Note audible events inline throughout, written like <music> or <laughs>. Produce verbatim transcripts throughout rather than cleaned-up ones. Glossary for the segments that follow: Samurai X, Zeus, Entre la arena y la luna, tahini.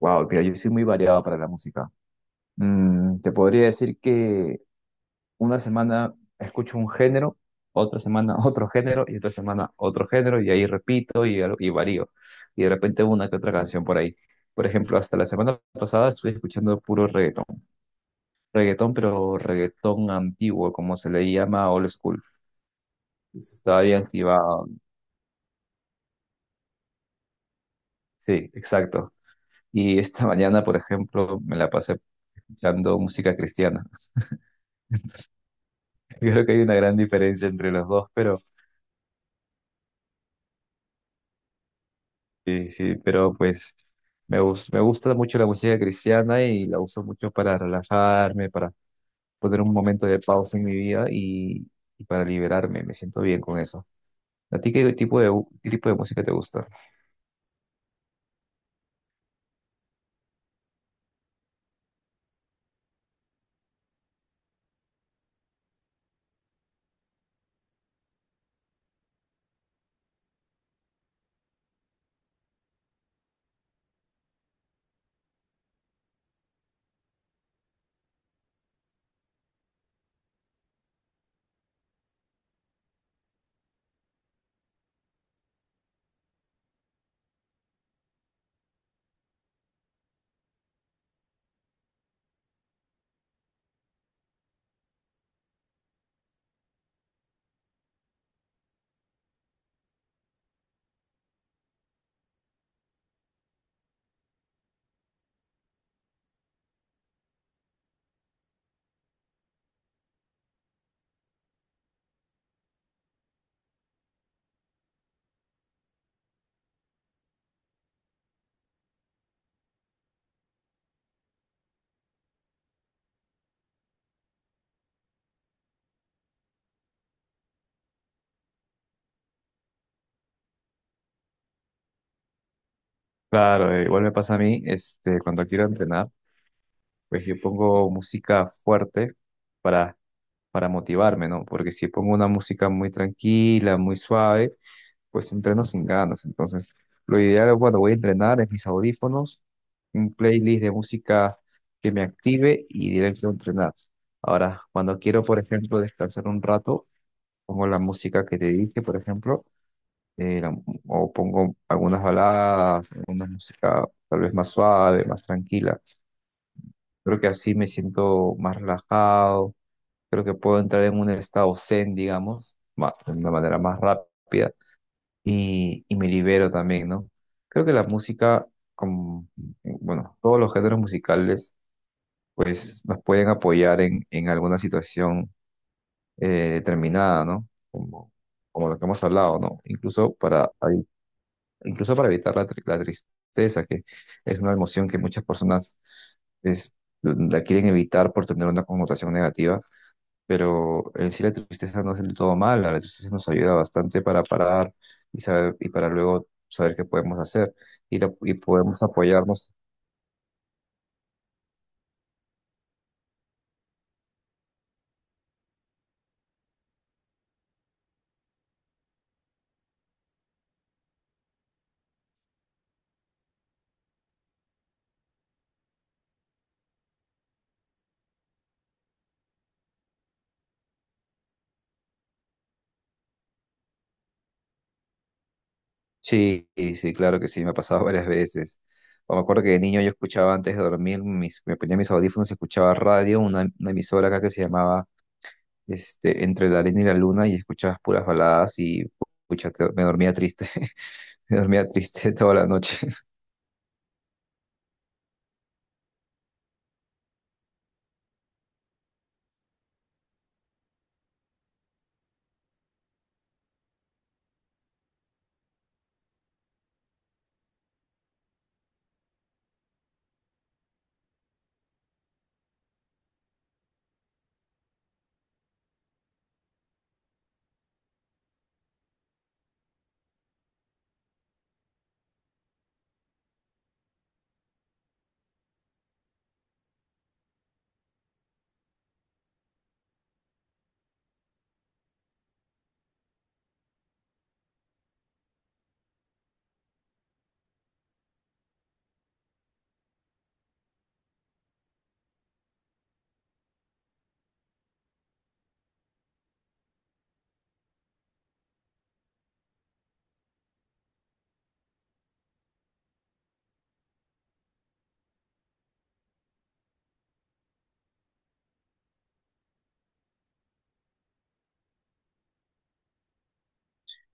Wow, mira, yo soy muy variado para la música. Mm, te podría decir que una semana escucho un género, otra semana <laughs> otro género y otra semana otro género y ahí repito y, y varío. Y de repente una que otra canción por ahí. Por ejemplo, hasta la semana pasada estuve escuchando puro reggaetón. Reggaetón, pero reggaetón antiguo, como se le llama old school. Estaba bien activado. Sí, exacto. Y esta <laughs> mañana, por ejemplo, me la pasé escuchando música cristiana. <laughs> Yo creo que hay una gran diferencia entre los dos, pero sí, sí, pero pues me, gus- me gusta mucho la música cristiana y la uso mucho para relajarme, para poner un momento de pausa en mi vida y, y para liberarme. Me siento bien con eso. ¿A ti qué tipo de, qué tipo de música te gusta? Claro, eh, igual me pasa a mí, este, cuando quiero entrenar, pues yo pongo música fuerte para, para motivarme, ¿no? Porque si pongo una música muy tranquila, muy suave, pues entreno sin ganas. Entonces, lo ideal es cuando voy a entrenar es mis audífonos, un playlist de música que me active y directo a entrenar. Ahora, cuando quiero, por ejemplo, descansar un rato, pongo la música que te dije, por ejemplo, eh, la- o pongo algunas baladas, alguna música tal vez más suave, más tranquila. Creo que así me siento más relajado, creo que puedo entrar en un estado zen, digamos, ma- de una manera más rápida y, y me libero también, ¿no? Creo que la música, como, bueno, todos los géneros musicales, pues nos pueden apoyar en, en alguna situación eh, determinada, ¿no? Como, como lo que hemos hablado, ¿no? Incluso para, ahí- incluso para evitar la, tri- la tristeza, que es una emoción que muchas personas es- la quieren evitar por tener una connotación negativa, pero en sí la tristeza no es del todo mala, la tristeza nos ayuda bastante para parar y saber, y para luego saber qué podemos hacer y, la- y podemos apoyarnos. Sí, y sí, claro que sí, me ha pasado <laughs> varias veces. O me acuerdo que de niño yo escuchaba antes de dormir, mis- me ponía mis audífonos y escuchaba radio, una, una emisora acá que se llamaba este, Entre la arena y la luna, y escuchabas puras baladas y pucha, te- me dormía triste, <laughs> me dormía triste toda la noche.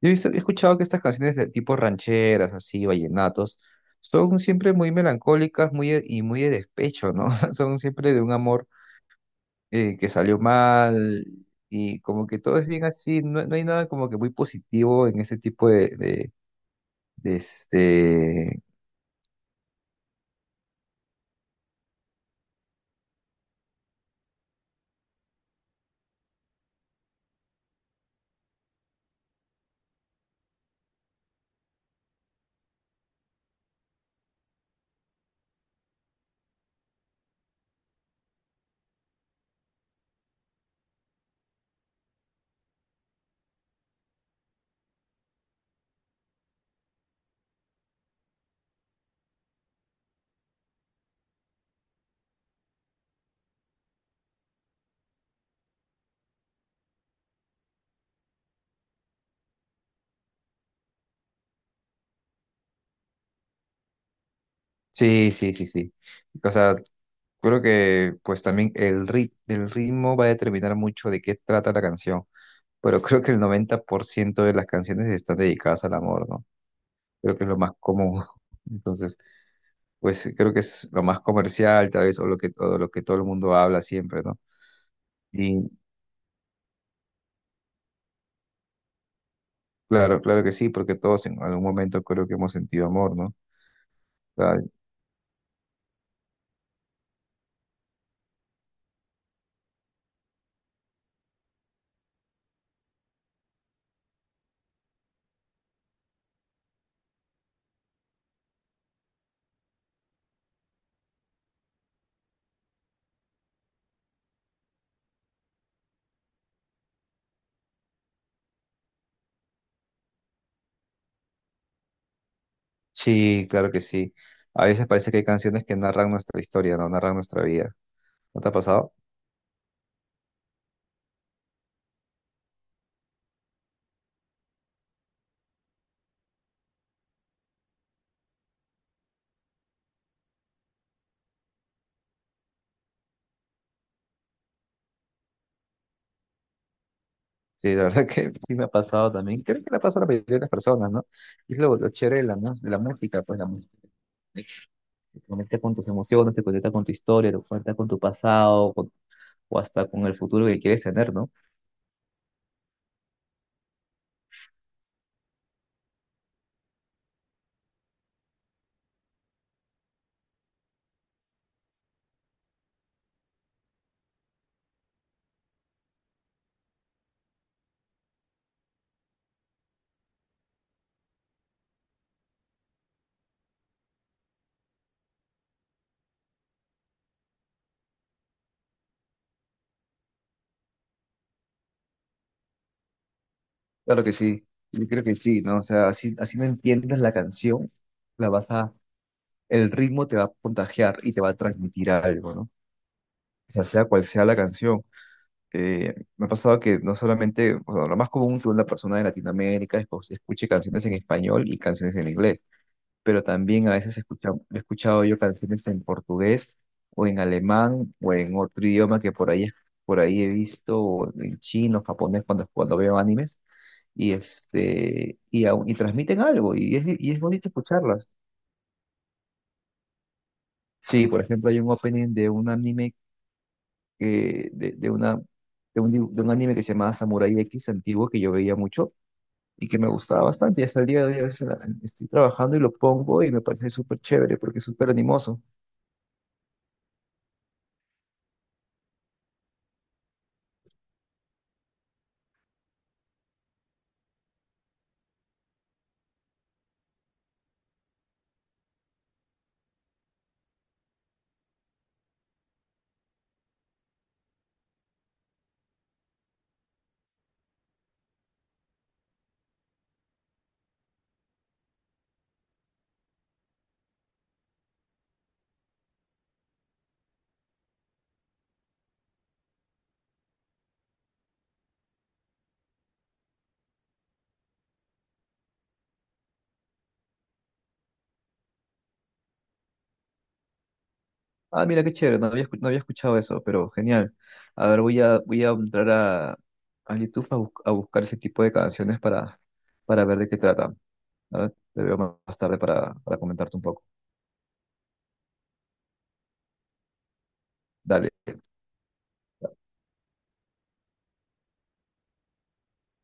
Yo he visto- he escuchado que estas canciones de tipo rancheras, así, vallenatos, son siempre muy melancólicas muy de- y muy de despecho, ¿no? <laughs> O sea, son siempre de un amor eh, que salió mal y como que todo es bien así, no, no hay nada como que muy positivo en ese tipo de, de, de este... Sí, sí, sí, sí. O sea, creo que pues también el, rit el ritmo va a determinar mucho de qué trata la canción, pero creo que el noventa por ciento de las canciones están dedicadas al amor, ¿no? Creo que es lo más común. <laughs> Entonces, pues creo que es lo más comercial, tal vez, o lo que todo, lo que todo el mundo habla siempre, ¿no? Y claro, claro que sí, porque todos en algún momento creo que hemos sentido amor, ¿no? Ah, sí, claro que sí. A veces parece que hay canciones que narran nuestra historia, ¿no? Narran nuestra vida. ¿No te ha pasado? Sí, la verdad <laughs> que sí me ha pasado también. Creo que le pasa a la mayoría de las personas, ¿no? Y es lo, lo chévere de la, mus- de la música, pues la música te conecta con tus emociones, te conecta con tu historia, te conecta con tu pasado, con o hasta con el futuro que quieres tener, ¿no? Claro que sí, yo creo que sí, ¿no? O sea, así, así no entiendas la canción, la vas a, el ritmo te va a contagiar y te va a transmitir algo, ¿no? O sea, sea cual sea la canción. Eh, me ha pasado que no solamente, bueno, lo más común que una persona de Latinoamérica es, pues, escuche canciones en español y canciones en inglés, pero también a veces escucha, he escuchado yo canciones en portugués o en alemán o en otro idioma que por ahí, por ahí he visto, o en chino, japonés, cuando, cuando veo animes y, este, y, aún- y transmiten algo y es, y es bonito escucharlas. Sí, por ejemplo, hay un opening de un anime que, de, de una, de un, dibu- de un anime que se llamaba Samurai X antiguo que yo veía mucho y que me gustaba bastante. Y hasta el día de hoy a veces la- estoy trabajando y lo pongo y me parece súper chévere porque es súper animoso. Ah, mira qué chévere, no había, escu- no había escuchado eso, pero genial. A ver, voy a, voy a entrar a, a YouTube a, bus- a buscar ese tipo de canciones para, para ver de qué trata. ¿Vale? Te veo más tarde para, para comentarte un poco. Dale.